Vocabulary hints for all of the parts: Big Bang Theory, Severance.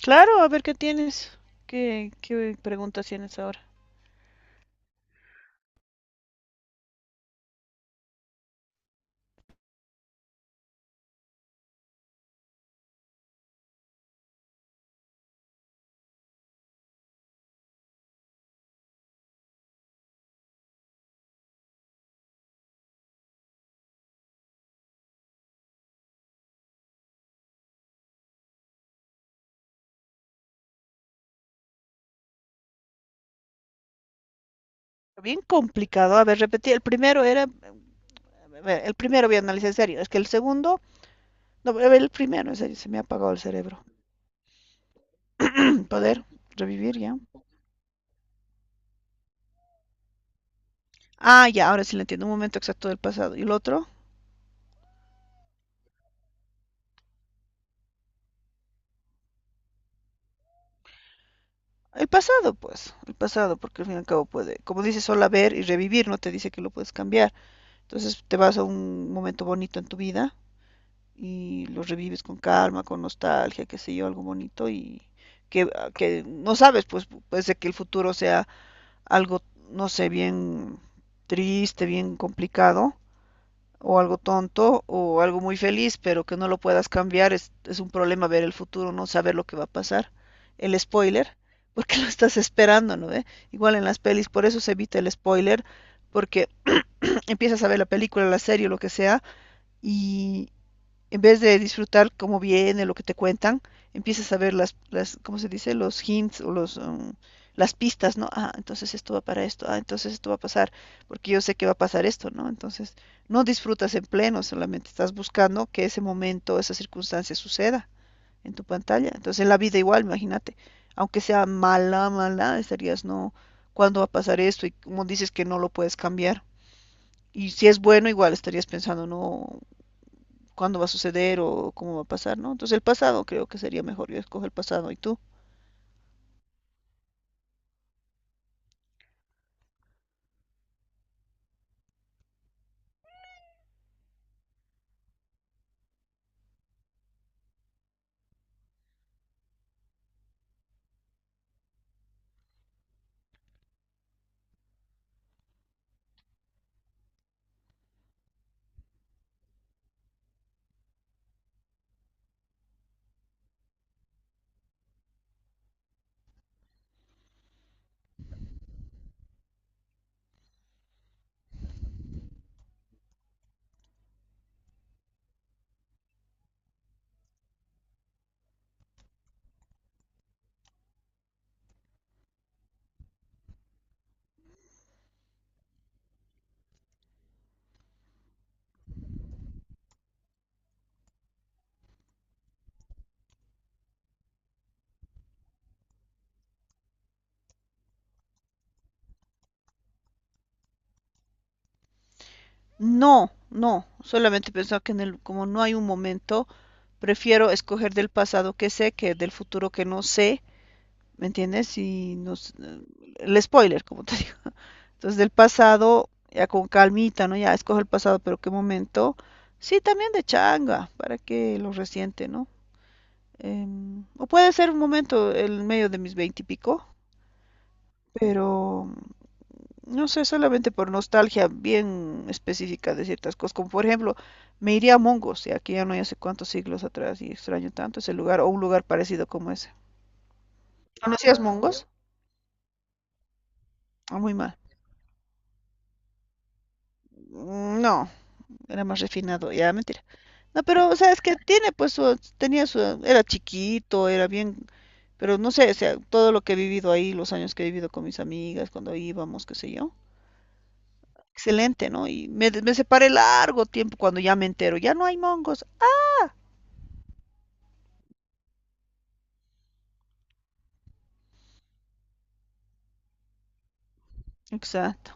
Claro, a ver qué tienes. ¿Qué preguntas tienes ahora? Bien complicado. A ver, repetí. El primero era. El primero voy a analizar en serio. Es que el segundo. No, a ver, el primero, en serio, se me ha apagado el cerebro. Poder revivir ya. Ah, ya, ahora sí lo entiendo. Un momento exacto del pasado. ¿Y el otro? El pasado, pues. El pasado, porque al fin y al cabo puede. Como dice, solo ver y revivir, no te dice que lo puedes cambiar. Entonces te vas a un momento bonito en tu vida y lo revives con calma, con nostalgia, qué sé yo, algo bonito y que, que no sabes, pues puede ser que el futuro sea algo, no sé, bien triste, bien complicado o algo tonto o algo muy feliz, pero que no lo puedas cambiar, es un problema ver el futuro, no saber lo que va a pasar. El spoiler, porque lo estás esperando, ¿no? ¿Eh? Igual en las pelis, por eso se evita el spoiler, porque empiezas a ver la película, la serie, lo que sea, y, en vez de disfrutar cómo viene, lo que te cuentan, empiezas a ver las ¿cómo se dice? Los hints o los, las pistas, ¿no? Ah, entonces esto va para esto, ah, entonces esto va a pasar, porque yo sé que va a pasar esto, ¿no? Entonces, no disfrutas en pleno, solamente estás buscando que ese momento, esa circunstancia suceda en tu pantalla. Entonces, en la vida igual, imagínate, aunque sea mala, mala, estarías, no, ¿cuándo va a pasar esto? Y como dices que no lo puedes cambiar. Y si es bueno, igual estarías pensando, no, cuándo va a suceder o cómo va a pasar, ¿no? Entonces el pasado creo que sería mejor, yo escojo el pasado y tú. No, no, solamente pensaba que en el, como no hay un momento, prefiero escoger del pasado que sé que del futuro que no sé, ¿me entiendes? Y nos, el spoiler, como te digo. Entonces del pasado, ya con calmita, ¿no? Ya escojo el pasado, pero qué momento. Sí, también de changa, para que lo resiente, ¿no? O puede ser un momento en medio de mis veintipico, pero no sé, solamente por nostalgia bien específica de ciertas cosas, como por ejemplo, me iría a Mongos, y aquí ya no hay hace cuántos siglos atrás, y extraño tanto ese lugar, o un lugar parecido como ese. ¿Conocías Mongos? Ah, muy mal. Mm, no, era más refinado, ya, mentira. No, pero, o sea, es que tiene, pues, su- tenía su, era chiquito, era bien, pero no sé, o sea, todo lo que he vivido ahí, los años que he vivido con mis amigas, cuando íbamos, qué sé yo, excelente, ¿no? Y me separé largo tiempo cuando ya me entero, ya no hay mongos. Exacto.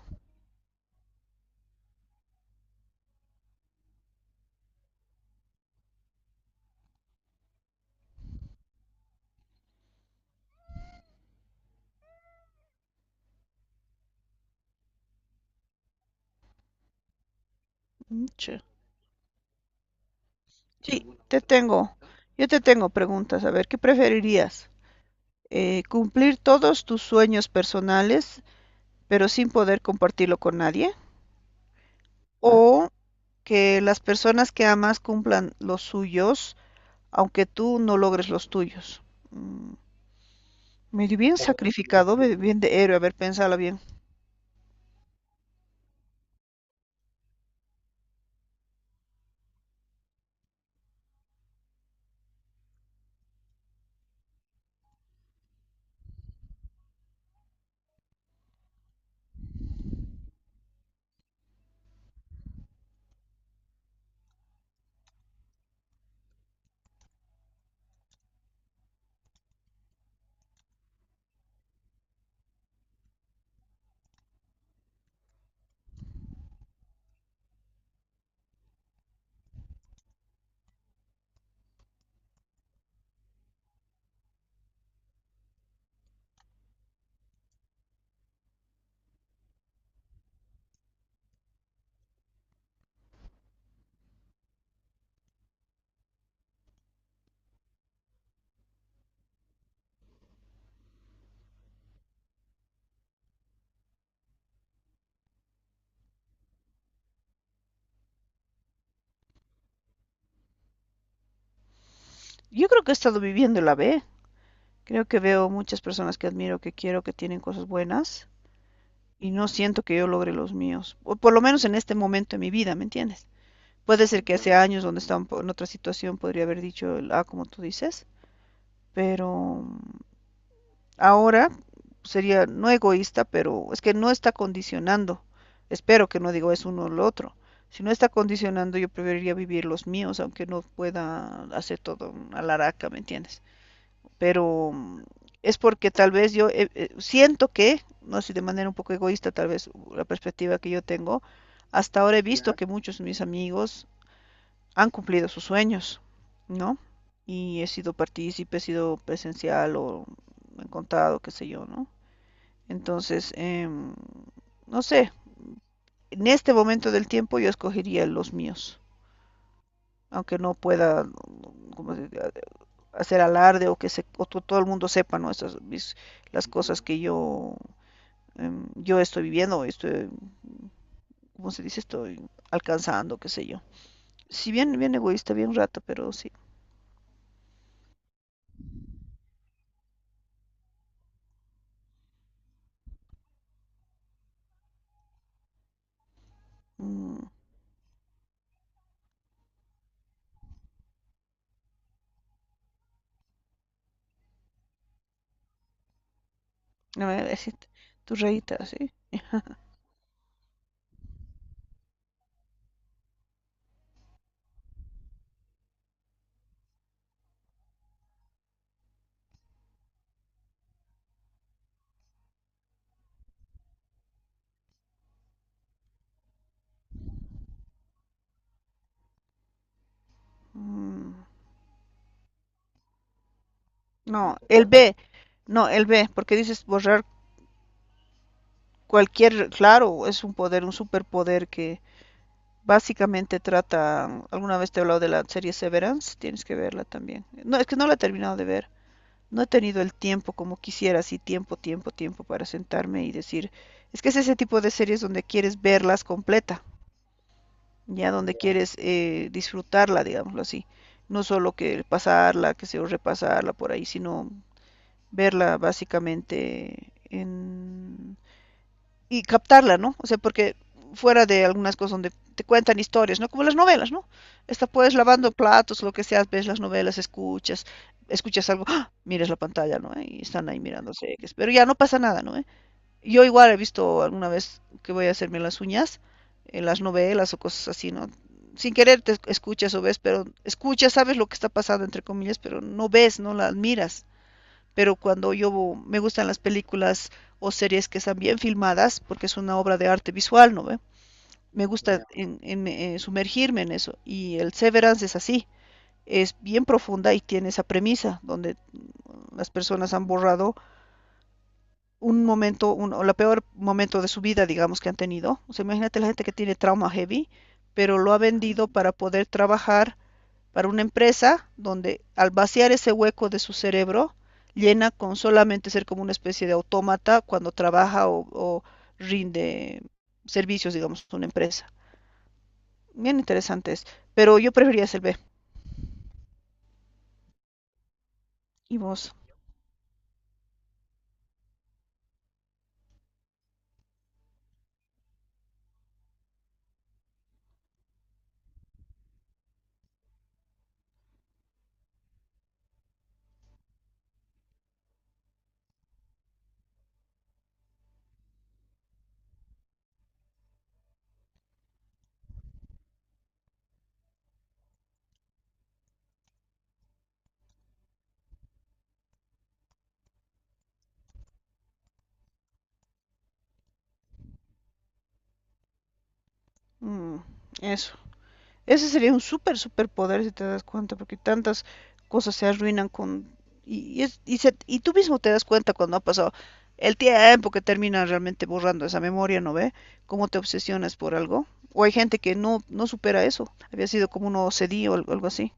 Mucho. Sí, te tengo. Yo te tengo preguntas. A ver, ¿qué preferirías? ¿Cumplir todos tus sueños personales, pero sin poder compartirlo con nadie? ¿O que las personas que amas cumplan los suyos, aunque tú no logres los tuyos? Mm, medio bien sacrificado, medio bien de héroe, a ver, piénsala bien. Yo creo que he estado viviendo la B. Creo que veo muchas personas que admiro, que quiero, que tienen cosas buenas. Y no siento que yo logre los míos, o por lo menos en este momento de mi vida, ¿me entiendes? Puede ser que hace años donde estaba en otra situación podría haber dicho, ah, como tú dices, pero ahora sería no egoísta, pero es que no está condicionando. Espero que no digo es uno o lo otro. Si no está condicionando, yo preferiría vivir los míos, aunque no pueda hacer todo a la araca, ¿me entiendes? Pero es porque tal vez yo siento que, no sé, de manera un poco egoísta tal vez la perspectiva que yo tengo, hasta ahora he visto que muchos de mis amigos han cumplido sus sueños, ¿no? Y he sido partícipe, he sido presencial o me han contado, qué sé yo, ¿no? Entonces, no sé, en este momento del tiempo yo escogería los míos, aunque no pueda, como se dice, hacer alarde o que se, o todo el mundo sepa, ¿no? Estas, mis- las cosas que yo, yo estoy viviendo, estoy, ¿cómo se dice? Estoy alcanzando, qué sé yo. Si bien, bien egoísta, bien rata, pero sí. Mm, no me voy a decir tu reita, sí. Mm, no, el B, no, el B, porque dices borrar cualquier, claro, es un poder, un superpoder que básicamente trata, alguna vez te he hablado de la serie Severance, tienes que verla también. No, es que no la he terminado de ver. No he tenido el tiempo como quisiera, así tiempo, tiempo, tiempo para sentarme y decir, es que es ese tipo de series donde quieres verlas completa, ya donde quieres disfrutarla, digámoslo así. No solo que pasarla, que se repasarla por ahí, sino verla básicamente en y captarla, ¿no? O sea, porque fuera de algunas cosas donde te cuentan historias, ¿no? Como las novelas, ¿no? Esta puedes lavando platos, lo que sea, ves las novelas, escuchas, escuchas algo, ¡ah! Miras la pantalla, ¿no? ¿Eh? Y están ahí mirándose, pero ya no pasa nada, ¿no? ¿Eh? Yo igual he visto alguna vez que voy a hacerme las uñas, en las novelas o cosas así, ¿no? Sin querer te escuchas o ves, pero escuchas, sabes lo que está pasando, entre comillas, pero no ves, no la miras, pero cuando yo me gustan las películas o series que están bien filmadas, porque es una obra de arte visual, ¿no ve? Me gusta sumergirme en eso. Y el Severance es así, es bien profunda y tiene esa premisa, donde las personas han borrado un momento, un, o la peor momento de su vida, digamos, que han tenido. O sea, imagínate la gente que tiene trauma heavy, pero lo ha vendido para poder trabajar para una empresa donde al vaciar ese hueco de su cerebro, llena con solamente ser como una especie de autómata cuando trabaja o rinde servicios, digamos, a una empresa. Bien interesante es, pero yo preferiría ser B. ¿Y vos? Mm, eso. Ese sería un súper superpoder si te das cuenta, porque tantas cosas se arruinan con... Y tú mismo te das cuenta cuando ha pasado el tiempo que termina realmente borrando esa memoria, ¿no ve? Cómo te obsesionas por algo. O hay gente que no, no supera eso. Había sido como un OCD o algo así.